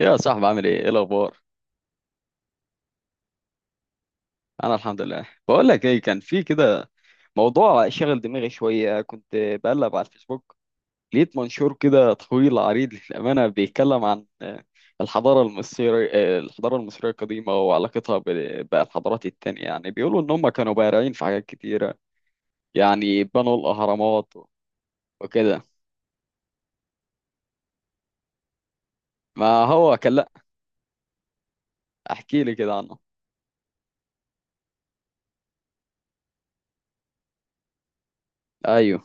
يا صاحبي، عامل ايه الاخبار؟ انا الحمد لله. بقول لك ايه، كان في كده موضوع شغل دماغي شويه، كنت بقلب على الفيسبوك. لقيت منشور كده طويل عريض للامانه، بيتكلم عن الحضاره المصريه القديمه وعلاقتها بالحضارات التانية. يعني بيقولوا ان هم كانوا بارعين في حاجات كتيره، يعني بنوا الاهرامات وكده. ما هو كان. لا، احكي لي كده عنه. ايوه،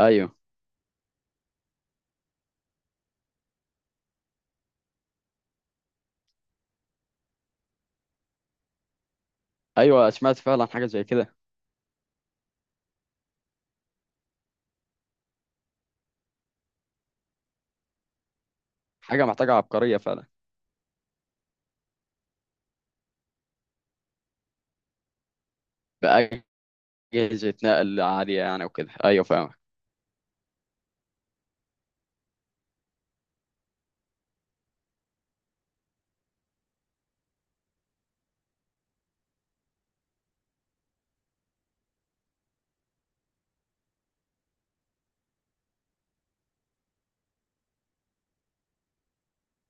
ايوه، ايوه، سمعت فعلا حاجه زي كده. حاجه محتاجه عبقريه، فعلا. أجهزة نقل عالية يعني وكده، أيوة، فاهمك.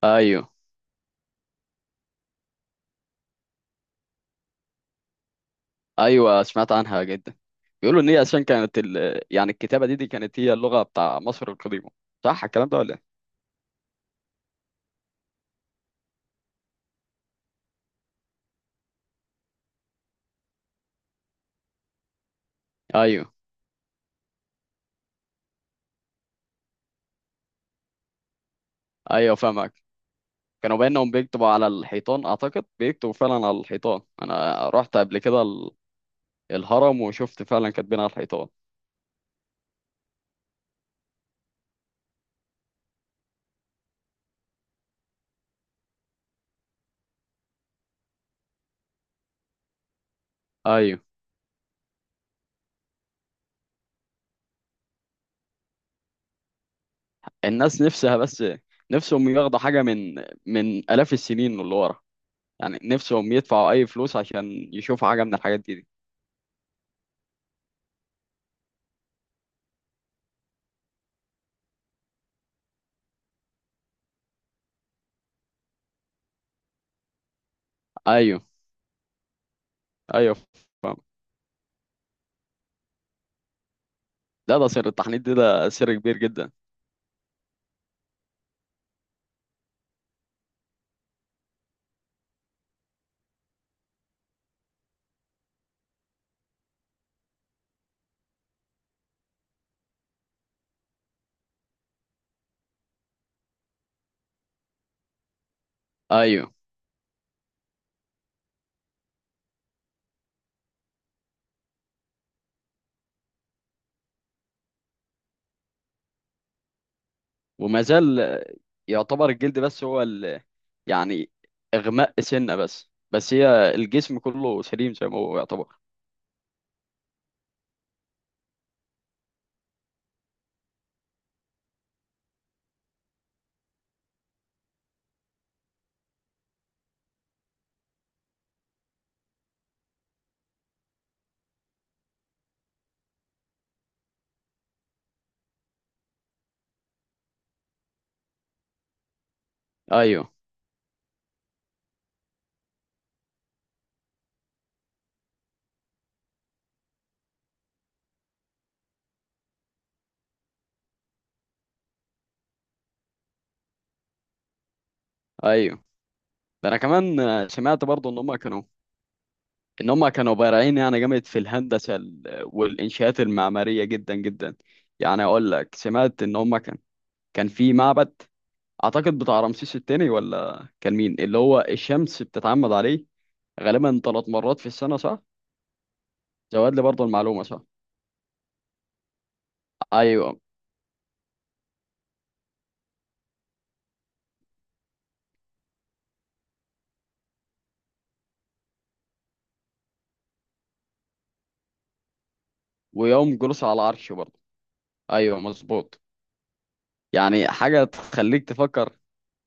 أيوة، أيوة، سمعت عنها جدا. بيقولوا إن هي عشان كانت يعني الكتابة دي كانت هي اللغة بتاع مصر القديمة. صح الكلام ده ولا إيه؟ أيوة، أيوة، فاهمك. كانوا بأنهم بيكتبوا على الحيطان، أعتقد بيكتبوا فعلا على الحيطان. أنا رحت قبل كده الهرم وشفت فعلا كاتبين على الحيطان. أيوة. الناس نفسها، بس نفسهم ياخدوا حاجة من آلاف السنين اللي ورا. يعني نفسهم يدفعوا أي فلوس عشان يشوفوا حاجة من الحاجات دي. أيوة. ايوه، فاهم. لا، ده سر التحنيط دي، ده سر كبير جدا. ايوه. وما زال يعتبر الجلد بس هو يعني اغماء سنه، بس هي الجسم كله سليم زي ما هو يعتبر. ايوه، ايوه، ده انا كمان سمعت برضو ان هم كانوا بارعين يعني جامد في الهندسه والانشاءات المعماريه جدا جدا. يعني اقول لك، سمعت ان هم كان في معبد، اعتقد بتاع رمسيس الثاني ولا كان مين، اللي هو الشمس بتتعمد عليه غالبا 3 مرات في السنة، صح؟ زود لي برضه المعلومة، صح؟ أيوه، ويوم جلوسه على العرش برضه. أيوه، مظبوط. يعني حاجة تخليك تفكر،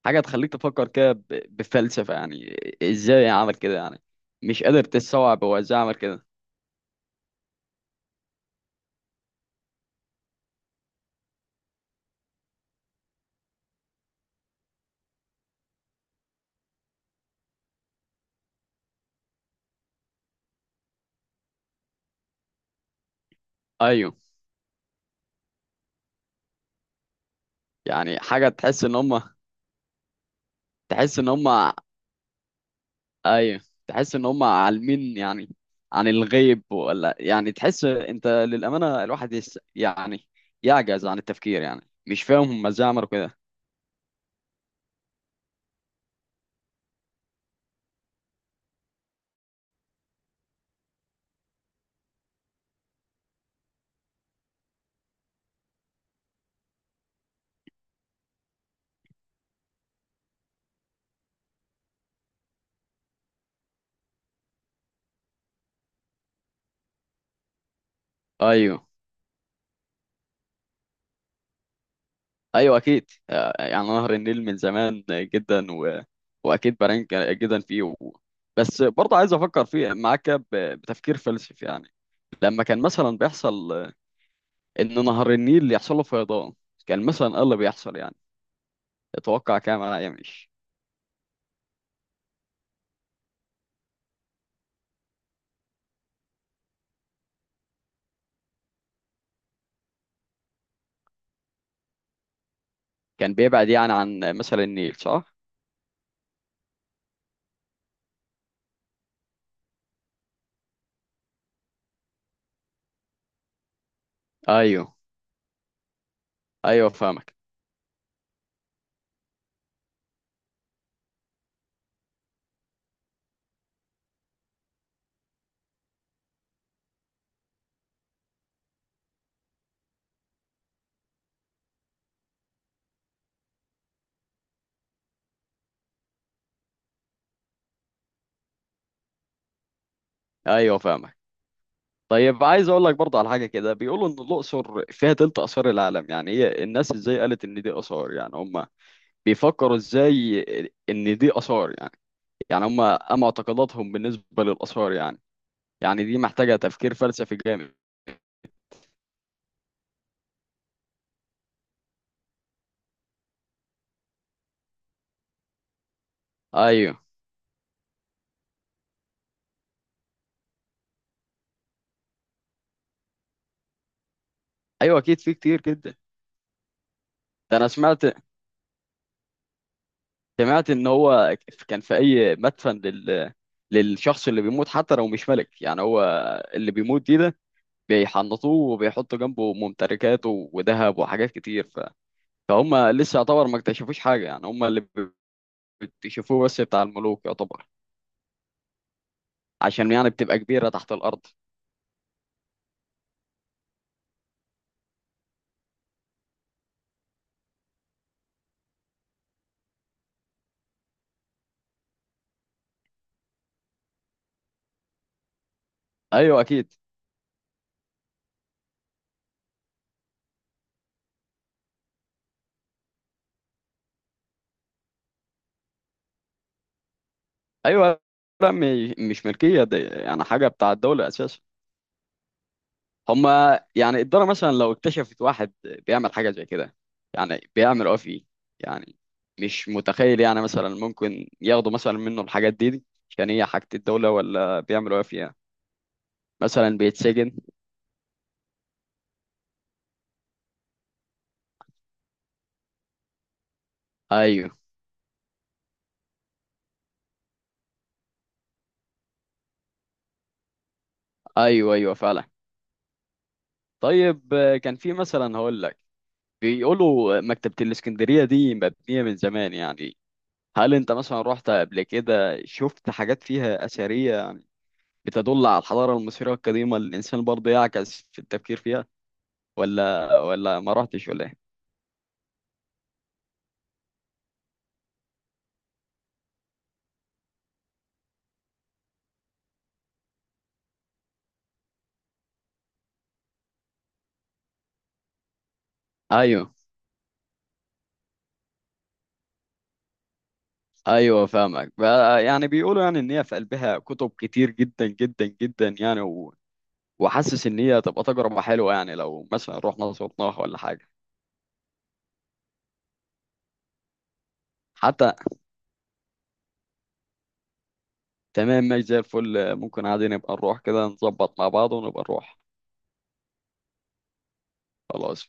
حاجة تخليك تفكر كده بفلسفة يعني. إزاي عمل كده يعني، مش قادر تستوعب هو إزاي عمل كده. أيوه، يعني حاجة تحس إن هما، أيوه، تحس إن هما عالمين يعني عن الغيب، ولا يعني تحس أنت، للأمانة الواحد يس يعني يعجز عن التفكير، يعني مش فاهم هما إزاي عملوا كده. أيوه، ايوه اكيد. يعني نهر النيل من زمان جدا، واكيد برانك جدا فيه، بس برضه عايز افكر فيه معاك بتفكير فلسفي يعني. لما كان مثلا بيحصل ان نهر النيل يحصل له فيضان، كان مثلا ايه اللي بيحصل يعني؟ اتوقع كام انا يمش. كان بيبعد يعني عن مثلا النيل، صح؟ ايوه. ايوه فاهمك. ايوه فاهمك. طيب، عايز اقول لك برضه على حاجه كده، بيقولوا ان الاقصر فيها تلت اثار العالم. يعني هي الناس ازاي قالت ان دي اثار يعني؟ هم بيفكروا ازاي ان دي اثار يعني هم ام اعتقاداتهم بالنسبه للاثار يعني، يعني دي محتاجه تفكير فلسفي جامد. ايوه. ايوه اكيد، في كتير جدا. ده انا سمعت، ان هو كان في اي مدفن للشخص اللي بيموت، حتى لو مش ملك يعني، هو اللي بيموت دي ده بيحنطوه وبيحطوا جنبه ممتلكاته وذهب وحاجات كتير فهم لسه يعتبر ما اكتشفوش حاجه، يعني هم اللي بيكتشفوه بس بتاع الملوك يعتبر، عشان يعني بتبقى كبيره تحت الارض. ايوه اكيد. ايوه، لا، مش ملكيه، دي يعني حاجه بتاع الدوله اساسا. هما يعني الدوله مثلا لو اكتشفت واحد بيعمل حاجه زي كده، يعني بيعمل ايه فيه يعني؟ مش متخيل يعني، مثلا ممكن ياخدوا مثلا منه الحاجات دي، عشان هي حاجه الدوله، ولا بيعملوا ايه فيها؟ مثلا بيتسجن؟ ايوه. ايوه، ايوه فعلا. طيب، كان في مثلا هقول لك، بيقولوا مكتبه الاسكندريه دي مبنيه من زمان يعني. هل انت مثلا رحت قبل كده شفت حاجات فيها اثريه بتدل على الحضارة المصرية القديمة، اللي الإنسان برضه يعكس في التفكير فيها، ولا ما رحتش ولا إيه؟ أيوه. أيوه فاهمك بقى. يعني بيقولوا يعني إن هي في قلبها كتب كتير جدا جدا جدا يعني، وحاسس إن هي تبقى تجربة حلوة يعني، لو مثلا رحنا صوتناها ولا حاجة. حتى تمام، ماشي زي الفل، ممكن عادي نبقى نروح كده، نظبط مع بعض ونبقى نروح. خلاص.